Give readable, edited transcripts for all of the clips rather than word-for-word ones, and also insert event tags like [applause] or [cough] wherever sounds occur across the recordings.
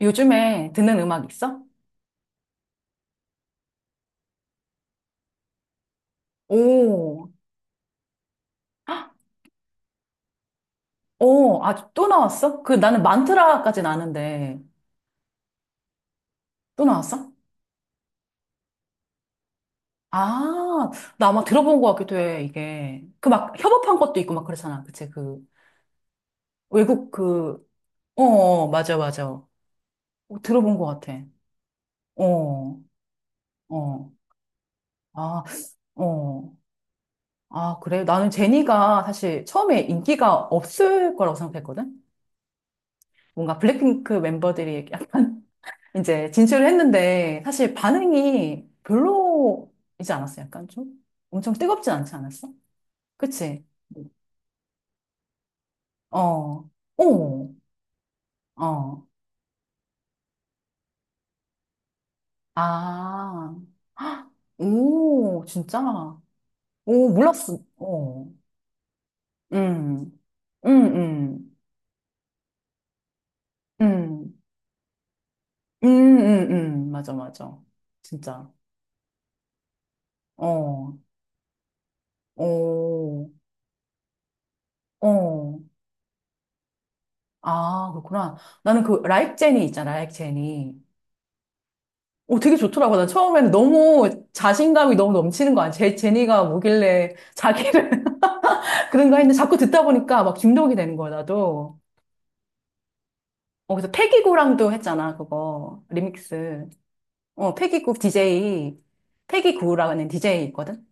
요즘에 듣는 음악 있어? 오. 헉. 오, 아, 또 나왔어? 그 나는 만트라까진 아는데, 또 나왔어? 아, 나 아마 들어본 것 같기도 해, 이게. 그 막 협업한 것도 있고 막 그렇잖아. 그치, 그, 외국 그, 어, 어, 어, 맞아, 맞아. 어, 들어본 것 같아. 어. 어. 아. 어. 아, 그래. 나는 제니가 사실 처음에 인기가 없을 거라고 생각했거든? 뭔가 블랙핑크 멤버들이 이제 진출을 했는데 사실 반응이 별로이지 않았어? 약간 좀? 엄청 뜨겁지 않지 않았어? 그치? 어. 오. 어. 아. 헉. 오, 진짜? 오, 몰랐어. 어. 음, 음, 음, 음, 음, 음, 맞아, 맞아. 진짜. 어. 오. 어. 아, 그렇구나. 나는 그, 라이크 제니 있잖아, 라이크 제니. 오, 되게 좋더라고. 난 처음에는 너무 자신감이 너무 넘치는 거야. 제, 제니가 뭐길래 자기를 [laughs] 그런가 했는데 자꾸 듣다 보니까 막 중독이 되는 거야, 나도. 어, 그래서 패기구랑도 했잖아, 그거. 리믹스. 어, 패기구 DJ. 패기구라는 DJ 있거든?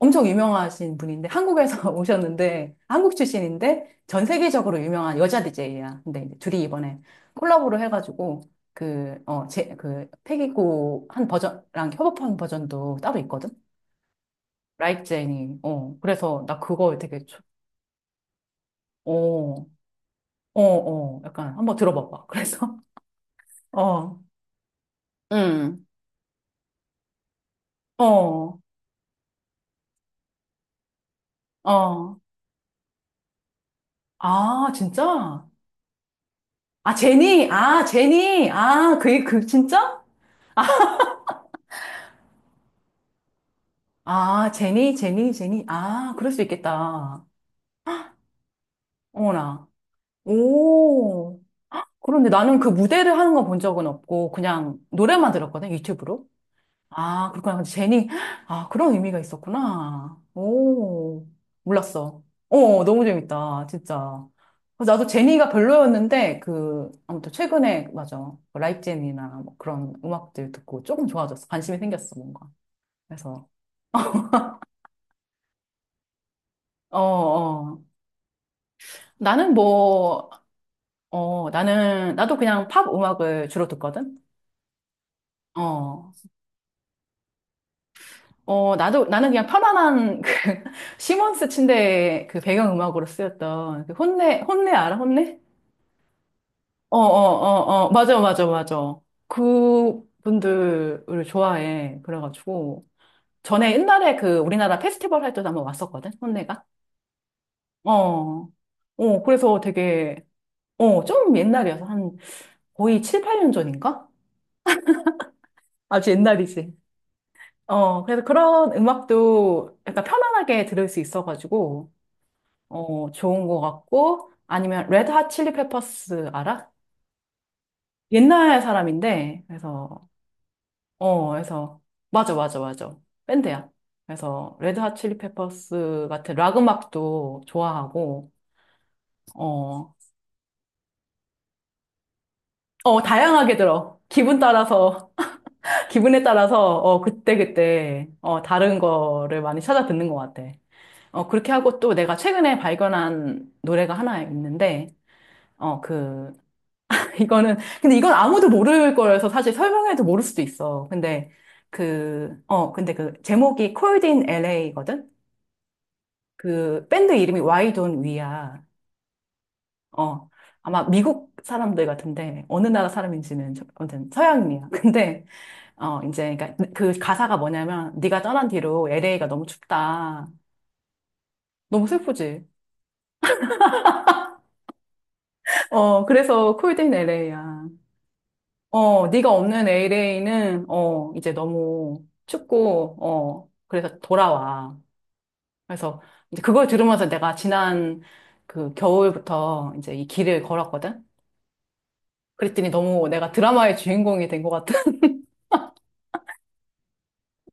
엄청 유명하신 분인데, 한국에서 [laughs] 오셨는데, 한국 출신인데, 전 세계적으로 유명한 여자 DJ야. 근데 이제 둘이 이번에 콜라보를 해가지고, 그, 어, 제, 그, 패기구 한 버전랑 협업한 버전도 따로 있거든? 라이크 제니. 어. 그래서 나 그거 되게 좋- 어. 어, 어. 약간 한번 들어봐 봐. 그래서 [laughs] 어. 응. 어. 어. 아, 진짜? 아, 제니. 아, 제니. 아, 그, 그, 진짜? 아, 제니, 제니, 제니. 아, 그럴 수 있겠다. 어머나. 오. 그런데 나는 그 무대를 하는 건 본 적은 없고, 그냥 노래만 들었거든, 유튜브로. 아, 그렇구나. 근데 제니, 아, 그런 의미가 있었구나. 오, 몰랐어. 어, 너무 재밌다. 진짜. 그래서 나도 제니가 별로였는데, 그, 아무튼 최근에, 맞아. 라이브제니나 뭐 그런 음악들 듣고 조금 좋아졌어. 관심이 생겼어, 뭔가. 그래서, 어, 어. 나는 뭐, 어, 나도 그냥 팝 음악을 주로 듣거든? 어. 어, 나도, 나는 그냥 편안한 그, [laughs] 시몬스 침대의 그 배경음악으로 쓰였던 그 혼내 알아? 혼내? 어, 어, 어, 어, 맞아, 맞아, 맞아. 그분들을 좋아해. 그래가지고. 전에 옛날에 그 우리나라 페스티벌 할 때도 한번 왔었거든, 혼내가. 어, 어, 그래서 되게, 어, 좀 옛날이어서 한 거의 7, 8년 전인가? 아주 옛날이지. 어, 그래서 그런 음악도 약간 편안하게 들을 수 있어가지고, 어, 좋은 것 같고, 아니면 레드 핫 칠리 페퍼스 알아? 옛날 사람인데, 그래서 어, 그래서 맞아, 맞아, 맞아. 밴드야. 그래서 레드 핫 칠리 페퍼스 같은 락 음악도 좋아하고 어, 어, 다양하게 들어. 기분 따라서 [laughs] 기분에 따라서 어, 그때그때 어, 다른 거를 많이 찾아 듣는 것 같아. 어, 그렇게 하고 또 내가 최근에 발견한 노래가 하나 있는데 어, 그 [laughs] 이거는 근데 이건 아무도 모를 거라서 사실 설명해도 모를 수도 있어. 근데 그, 어, 근데 그 제목이 Cold in LA거든? 그 밴드 이름이 Why Don't We야. 어. 아마 미국 사람들 같은데 어느 나라 사람인지는 저- 아무튼 서양인이야. [laughs] 근데 어 이제 그러니까 그 가사가 뭐냐면 네가 떠난 뒤로 LA가 너무 춥다. 너무 슬프지. 어 그래서 콜드인 LA야. 어 네가 없는 LA는 어 이제 너무 춥고 어 그래서 돌아와. 그래서 이제 그걸 들으면서 내가 지난 그 겨울부터 이제 이 길을 걸었거든. 그랬더니 너무 내가 드라마의 주인공이 된 것 같은. [laughs]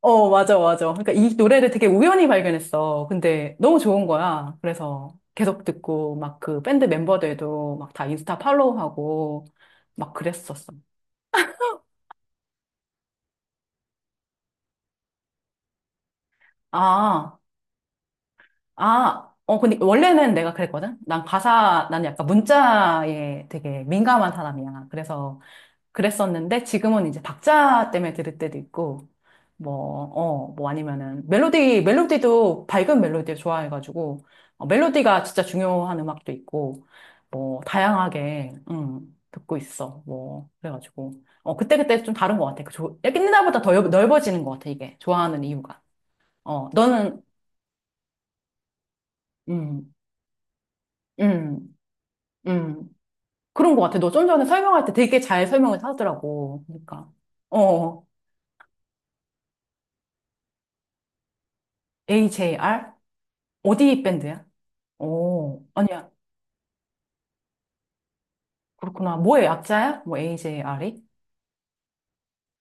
어, 맞아, 맞아. 그러니까 이 노래를 되게 우연히 발견했어. 근데 너무 좋은 거야. 그래서 계속 듣고 막 그 밴드 멤버들도 막 다 인스타 팔로우하고 막 그랬었어. 아. 아. 어, 근데 원래는 내가 그랬거든? 난 약간 문자에 되게 민감한 사람이야. 그래서 그랬었는데 지금은 이제 박자 때문에 들을 때도 있고 뭐, 어, 뭐 아니면은 멜로디도 밝은 멜로디를 좋아해가지고 어, 멜로디가 진짜 중요한 음악도 있고 뭐 다양하게 듣고 있어. 뭐 그래가지고 어, 그때그때 좀 다른 것 같아. 그 조, 옛날보다 더 넓- 넓어지는 것 같아 이게 좋아하는 이유가. 어, 너는 음, 음, 음 그런 것 같아. 너 좀 전에 설명할 때 되게 잘 설명을 하더라고. 그러니까 어, AJR? 어디 밴드야? 오, 아니야. 그렇구나. 뭐의 약자야? 뭐 AJR이?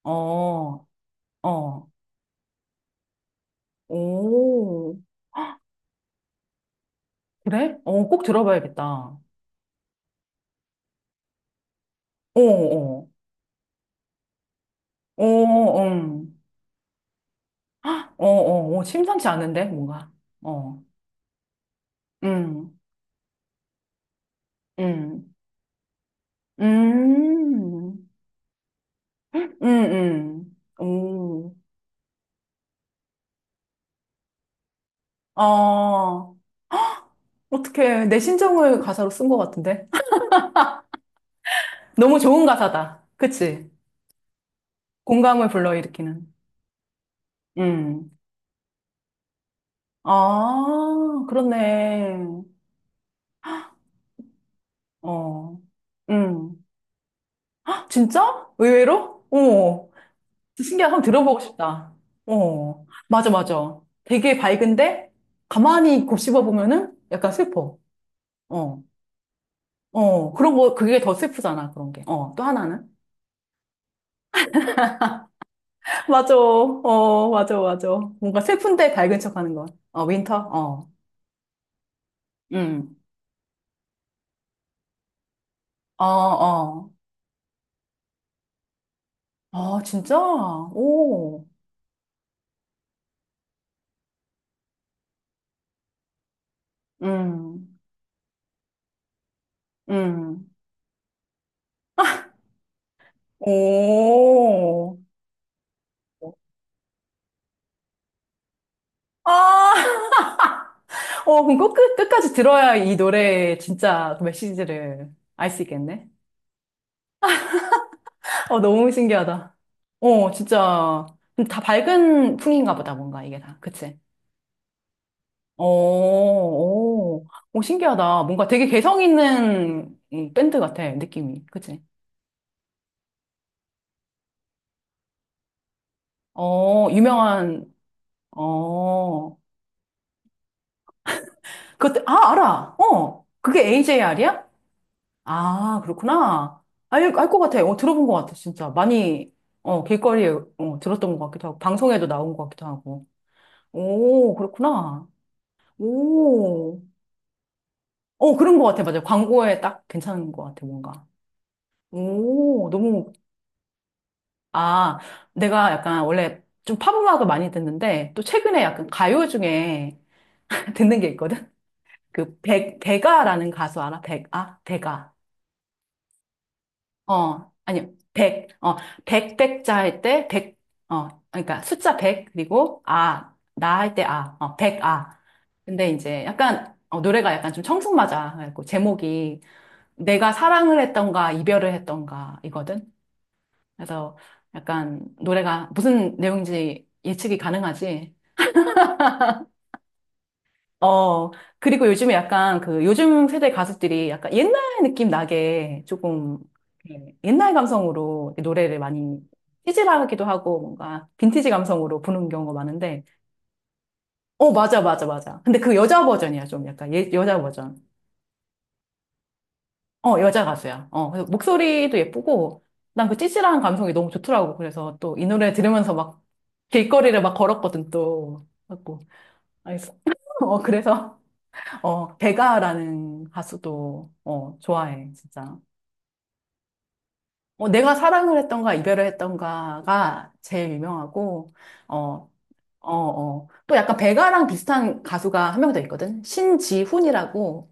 어, 어, 오, 그래? 어, 꼭 들어봐야겠다. 어, 어, 어, 어, 어, 어, 어, 심상치 않은데, 뭔가. 어, 음, 음, 음, 오, 아, 어떡해. 내 심정을 가사로 쓴 것 같은데? [laughs] 너무 좋은 가사다. 그치? 공감을 불러일으키는. 음. 아, 그렇네. 어. 음. 아, 진짜? 의외로? 어, 신기하다. 한번 들어보고 싶다. 어, 맞아, 맞아. 되게 밝은데, 가만히 곱씹어 보면은 약간 슬퍼. 어, 어, 그런 거, 그게 더 슬프잖아, 그런 게. 어, 또 하나는? [laughs] 맞아. 어, 맞아, 맞아. 뭔가 슬픈데 밝은 척 하는 거. 어, 윈터? 어. 음. 어, 어. 아, 진짜? 오. 음. 음. 오. 아, [laughs] 어, 그럼 꼭 끝까지 들어야 이 노래의 진짜 그 메시지를 알 수 있겠네. 어, 너무 신기하다. 어, 진짜. 근데 다 밝은 풍인가 보다, 뭔가 이게 다. 그치? 어. 오. 오, 신기하다. 뭔가 되게 개성 있는 이 밴드 같아, 느낌이. 그치? 어, 유명한, 어. 그것, 아, 알아. 어, 그게 AJR이야? 아, 그렇구나. 알 것 같아. 어, 들어본 것 같아, 진짜. 많이, 어, 길거리에, 어, 들었던 것 같기도 하고, 방송에도 나온 것 같기도 하고. 오, 그렇구나. 오. 어, 그런 것 같아. 맞아. 광고에 딱 괜찮은 것 같아, 뭔가. 오, 너무, 아, 내가 약간 원래 좀 팝음악을 많이 듣는데, 또 최근에 약간 가요 중에 [laughs] 듣는 게 있거든? 그, 백아라는 가수 알아? 백, 아, 백아. 어, 아니요. 100. 어, 100, 백자 할 때 백 어, 그러니까 숫자 100 그리고 아, 나 할 때 아. 어, 100 아. 근데 이제 약간 어, 노래가 약간 좀 청승맞아. 그래갖고 제목이 내가 사랑을 했던가 이별을 했던가 이거든. 그래서 약간 노래가 무슨 내용인지 예측이 가능하지. 어, 그리고 요즘에 약간 그 요즘 세대 가수들이 약간 옛날 느낌 나게 조금 이렇게 옛날 감성으로 노래를 많이 찌질하기도 하고 뭔가 빈티지 감성으로 부르는 경우가 많은데, 어, 맞아, 맞아, 맞아. 근데 그 여자 버전이야, 좀 약간. 예, 여자 버전. 어, 여자 가수야. 어, 그래서 목소리도 예쁘고, 난 그 찌질한 감성이 너무 좋더라고. 그래서 또 이 노래 들으면서 막 길거리를 막 걸었거든, 또. 갖고. 알겠어. [laughs] 어, 그래서. 어, 베가라는 가수도, 어, 좋아해, 진짜. 어, 내가 사랑을 했던가, 이별을 했던가가 제일 유명하고, 어, 어, 어. 또 약간 베가랑 비슷한 가수가 한 명 더 있거든? 신지훈이라고,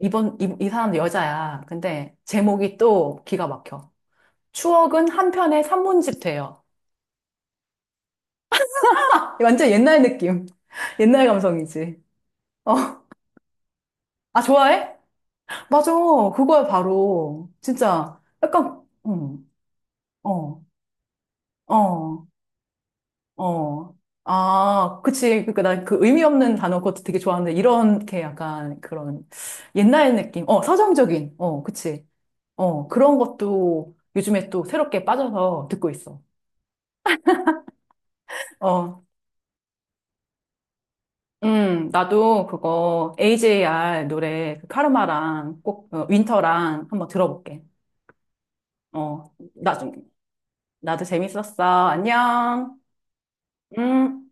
이 사람 여자야. 근데 제목이 또 기가 막혀. 추억은 한 편의 산문집 돼요. 완전 옛날 느낌. [laughs] 옛날 감성이지. 어, 아, 좋아해? 맞아. 그거야, 바로. 진짜. 약간, 어. 어, 어. 아, 그치. 그니까 나 그 의미 없는 단어 그것도 되게 좋아하는데, 이렇게 약간 그런 옛날 느낌. 어, 서정적인. 어, 그치. 어, 그런 것도 요즘에 또 새롭게 빠져서 듣고 있어. 어, 나도 그거 AJR 노래 그 카르마랑 꼭 어, 윈터랑 한번 들어볼게. 어, 나중에. 나도 재밌었어. 안녕. 음.